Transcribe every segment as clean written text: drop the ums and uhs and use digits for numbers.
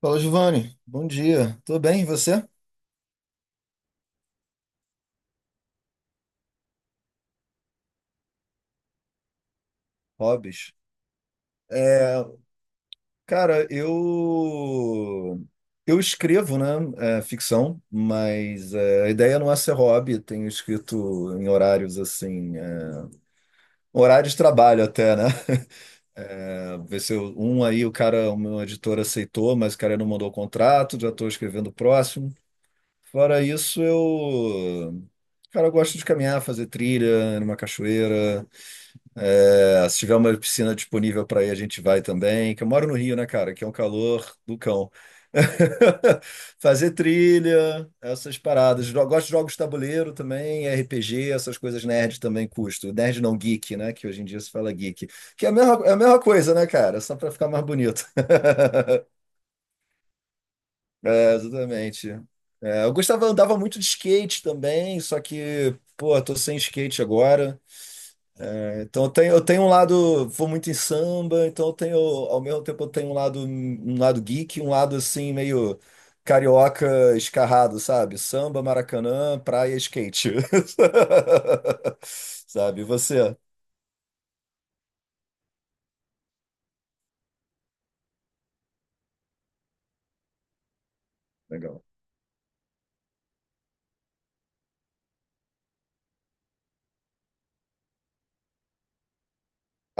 Fala, Giovanni. Bom dia. Tudo bem, e você? Hobbies. É, cara, eu escrevo, né, ficção, mas a ideia não é ser hobby. Tenho escrito em horários assim, horário de trabalho até, né? É, Ver se eu- um aí o cara, o meu editor aceitou, mas o cara não mandou o contrato, já estou escrevendo o próximo. Fora isso, cara, eu gosto de caminhar, fazer trilha numa cachoeira. É, se tiver uma piscina disponível para ir, a gente vai também. Que eu moro no Rio, né, cara? Que é um calor do cão. Fazer trilha, essas paradas. Gosto de jogos de tabuleiro também, RPG, essas coisas nerd também custo. Nerd não geek, né? Que hoje em dia se fala geek. Que é a mesma coisa, né, cara? Só para ficar mais bonito. É, exatamente. É, eu gostava, andava muito de skate também, só que, pô, tô sem skate agora. Então eu tenho um lado, vou muito em samba, então eu tenho, ao mesmo tempo eu tenho um lado geek, um lado assim meio carioca escarrado, sabe? Samba, Maracanã, praia, skate. Sabe? E você? Legal.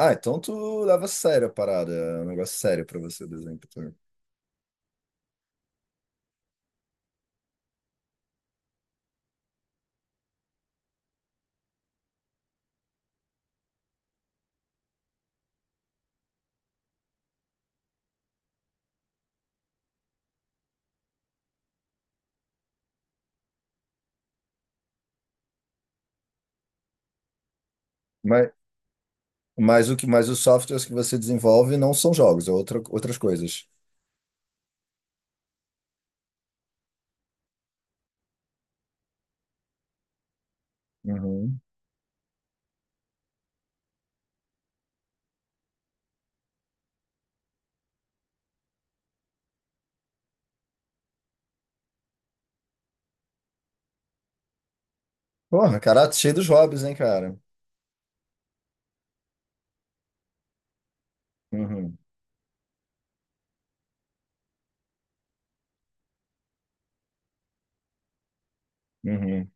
Ah, então tu leva a sério a parada, é um negócio sério pra você desenhar. Mas, mas o que, mas os softwares que você desenvolve não são jogos, é outra, outras coisas. Uhum. Porra, cara, cheio dos hobbies, hein, cara? Uhum. Uhum.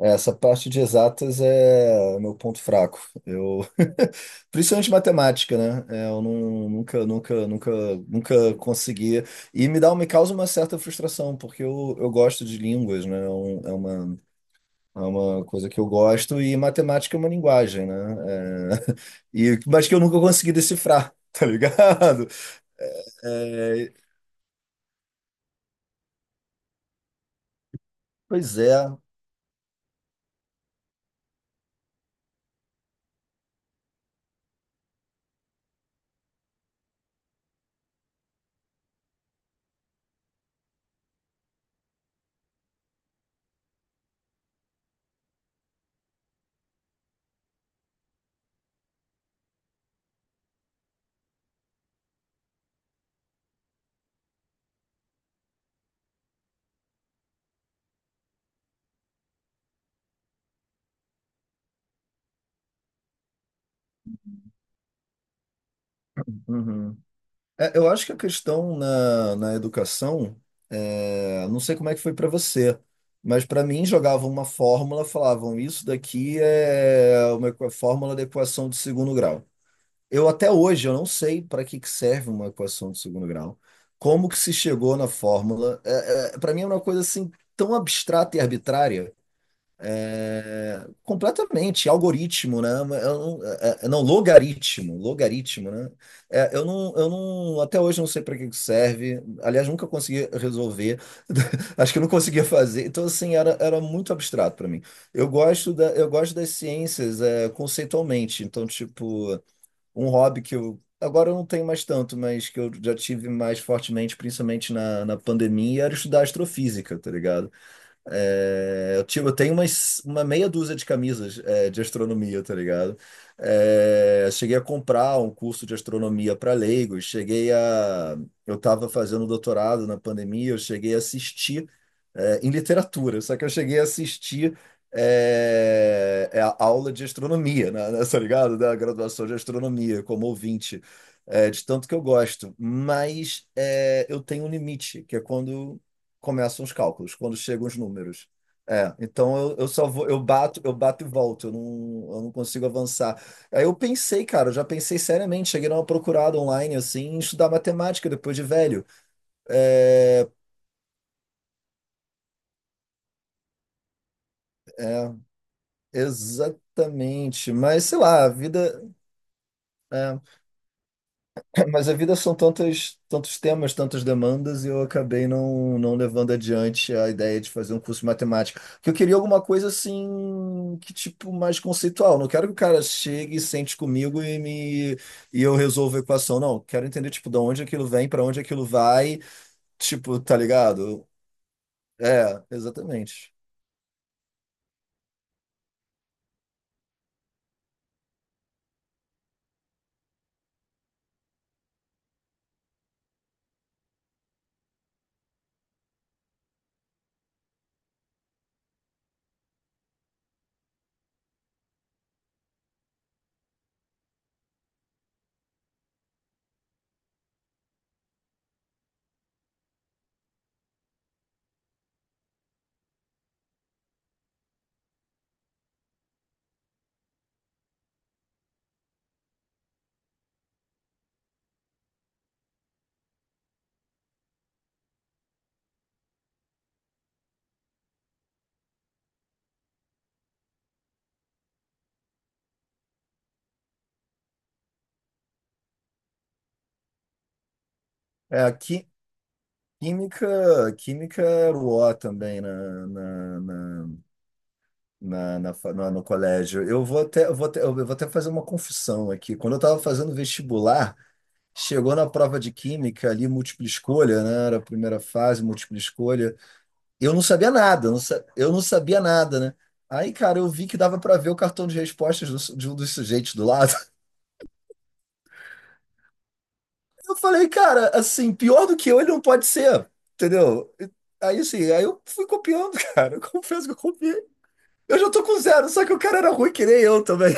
É, essa parte de exatas é meu ponto fraco. Eu, principalmente matemática, né? É, nunca, nunca, nunca, nunca conseguia. E me dá, um, me causa uma certa frustração, porque eu gosto de línguas, né? É uma coisa que eu gosto e matemática é uma linguagem, né? É, e, mas que eu nunca consegui decifrar, tá ligado? É, pois é. Uhum. É, eu acho que a questão na educação, não sei como é que foi para você, mas para mim jogavam uma fórmula, falavam isso daqui é uma fórmula da equação de segundo grau. Eu até hoje eu não sei para que que serve uma equação de segundo grau, como que se chegou na fórmula. É, para mim é uma coisa assim tão abstrata e arbitrária. É, completamente, algoritmo, né? Eu não, é, é, é, não, logaritmo, logaritmo, né? É, eu não, até hoje eu não sei para que que serve. Aliás, nunca consegui resolver. Acho que eu não conseguia fazer. Então, assim, era, era muito abstrato para mim. Eu gosto da, eu gosto das ciências, é, conceitualmente. Então, tipo, um hobby que eu agora eu não tenho mais tanto, mas que eu já tive mais fortemente, principalmente na pandemia, era estudar astrofísica, tá ligado? Eu tenho umas, uma meia dúzia de camisas, é, de astronomia, tá ligado? É, cheguei a comprar um curso de astronomia para leigos, cheguei a. Eu estava fazendo doutorado na pandemia, eu cheguei a assistir, em literatura, só que eu cheguei a assistir. É a aula de astronomia, né, né, tá ligado? Da graduação de astronomia, como ouvinte, é, de tanto que eu gosto. Mas é, eu tenho um limite, que é quando começam os cálculos, quando chegam os números. É, então eu só vou, eu bato e volto, eu não consigo avançar. Aí eu pensei, cara, eu já pensei seriamente, cheguei numa procurada online, assim, em estudar matemática depois de velho. É, é, exatamente, mas sei lá, a vida. É, Mas a vida são tantos, tantos temas, tantas demandas, e eu acabei não, não levando adiante a ideia de fazer um curso de matemática. Porque eu queria alguma coisa assim, que tipo, mais conceitual. Não quero que o cara chegue e sente comigo e me e eu resolva a equação. Não, quero entender, tipo, de onde aquilo vem, para onde aquilo vai. Tipo, tá ligado? É, exatamente. É, química, química era o O também no colégio. Eu vou até fazer uma confissão aqui. Quando eu estava fazendo vestibular, chegou na prova de química ali, múltipla escolha, né? Era a primeira fase, múltipla escolha. Eu não sabia nada, eu não sabia nada, né? Aí, cara, eu vi que dava para ver o cartão de respostas de um dos sujeitos do lado. Eu falei, cara, assim, pior do que eu, ele não pode ser, entendeu? Aí eu fui copiando, cara. Eu confesso que eu copiei. Eu já tô com zero, só que o cara era ruim que nem eu também.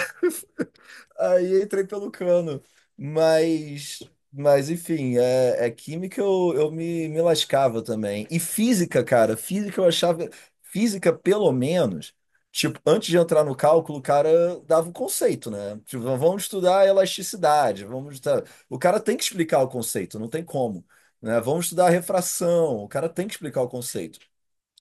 Aí entrei pelo cano. Mas, mas enfim, é química eu, me lascava também. E física, cara, física eu achava. Física, pelo menos, tipo, antes de entrar no cálculo, o cara dava o conceito, né? Tipo, vamos estudar elasticidade, o cara tem que explicar o conceito, não tem como. Né? Vamos estudar refração, o cara tem que explicar o conceito.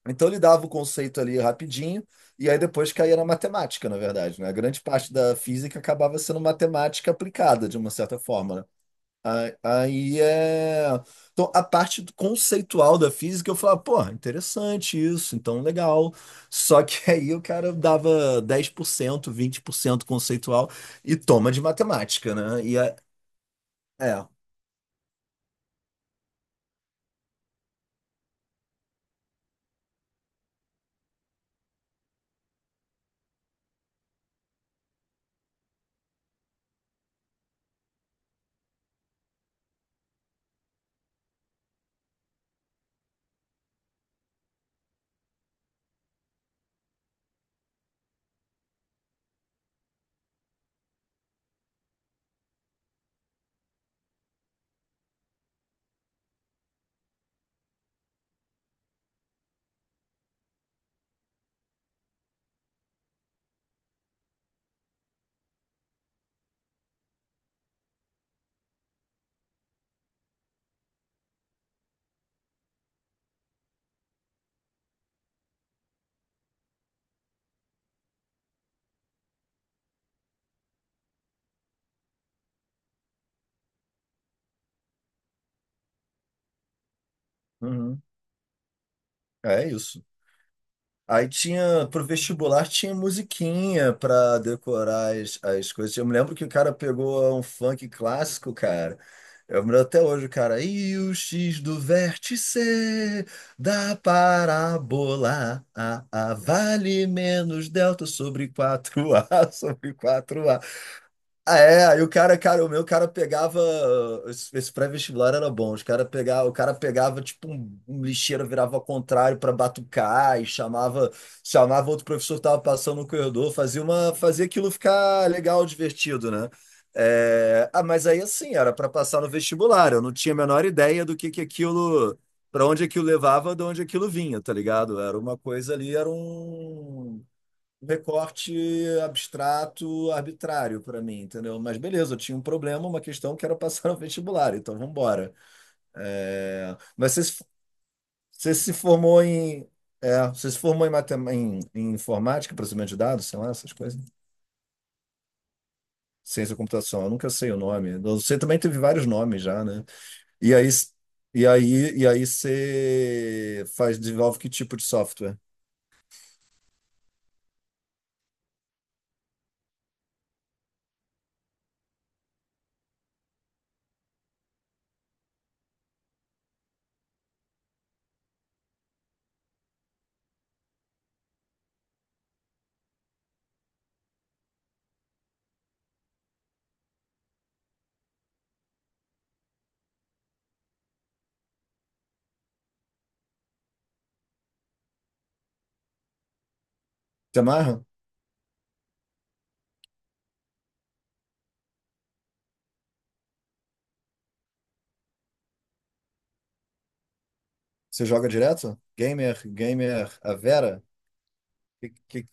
Então ele dava o conceito ali rapidinho, e aí depois caía na matemática, na verdade, né? A grande parte da física acabava sendo matemática aplicada, de uma certa forma, né? Aí é. Então, conceitual da física, eu falava, pô, interessante isso, então legal. Só que aí o cara dava dez por cento vinte por cento conceitual e toma de matemática, né? E é. É. Uhum. É isso. Aí tinha, pro vestibular tinha musiquinha pra decorar as, as coisas. Eu me lembro que o cara pegou um funk clássico, cara. Eu me lembro até hoje, o cara. E o X do vértice da parábola A vale menos delta sobre quatro a sobre 4A. Ah, é, aí o cara, cara, o meu cara pegava. Esse, esse pré-vestibular era bom. Os cara pegava, o cara pegava tipo um lixeiro, virava ao contrário para batucar e chamava, chamava outro professor que tava passando no corredor, fazia uma, fazia aquilo ficar legal, divertido, né? É, ah, mas aí assim, era para passar no vestibular. Eu não tinha a menor ideia do que aquilo, para onde aquilo levava, de onde aquilo vinha, tá ligado? Era uma coisa ali, era um recorte abstrato, arbitrário para mim, entendeu? Mas beleza, eu tinha um problema, uma questão que era passar no vestibular, então vamos embora. É, Mas você, se- você se formou em, você se formou em, em informática, processamento de dados, sei lá, essas coisas. Ciência da computação, eu nunca sei o nome. Eu sei também teve vários nomes já, né? E aí, e aí você faz, desenvolve que tipo de software? Você amarra? Você joga direto? Gamer, gamer, a Vera? O que,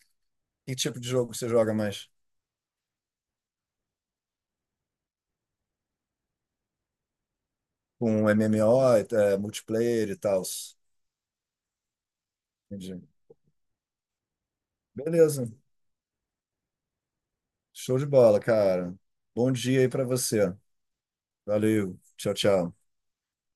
Que tipo de jogo você joga mais? Com MMO, é, multiplayer e tal. Entendi. Beleza. Show de bola, cara. Bom dia aí pra você. Valeu. Tchau, tchau.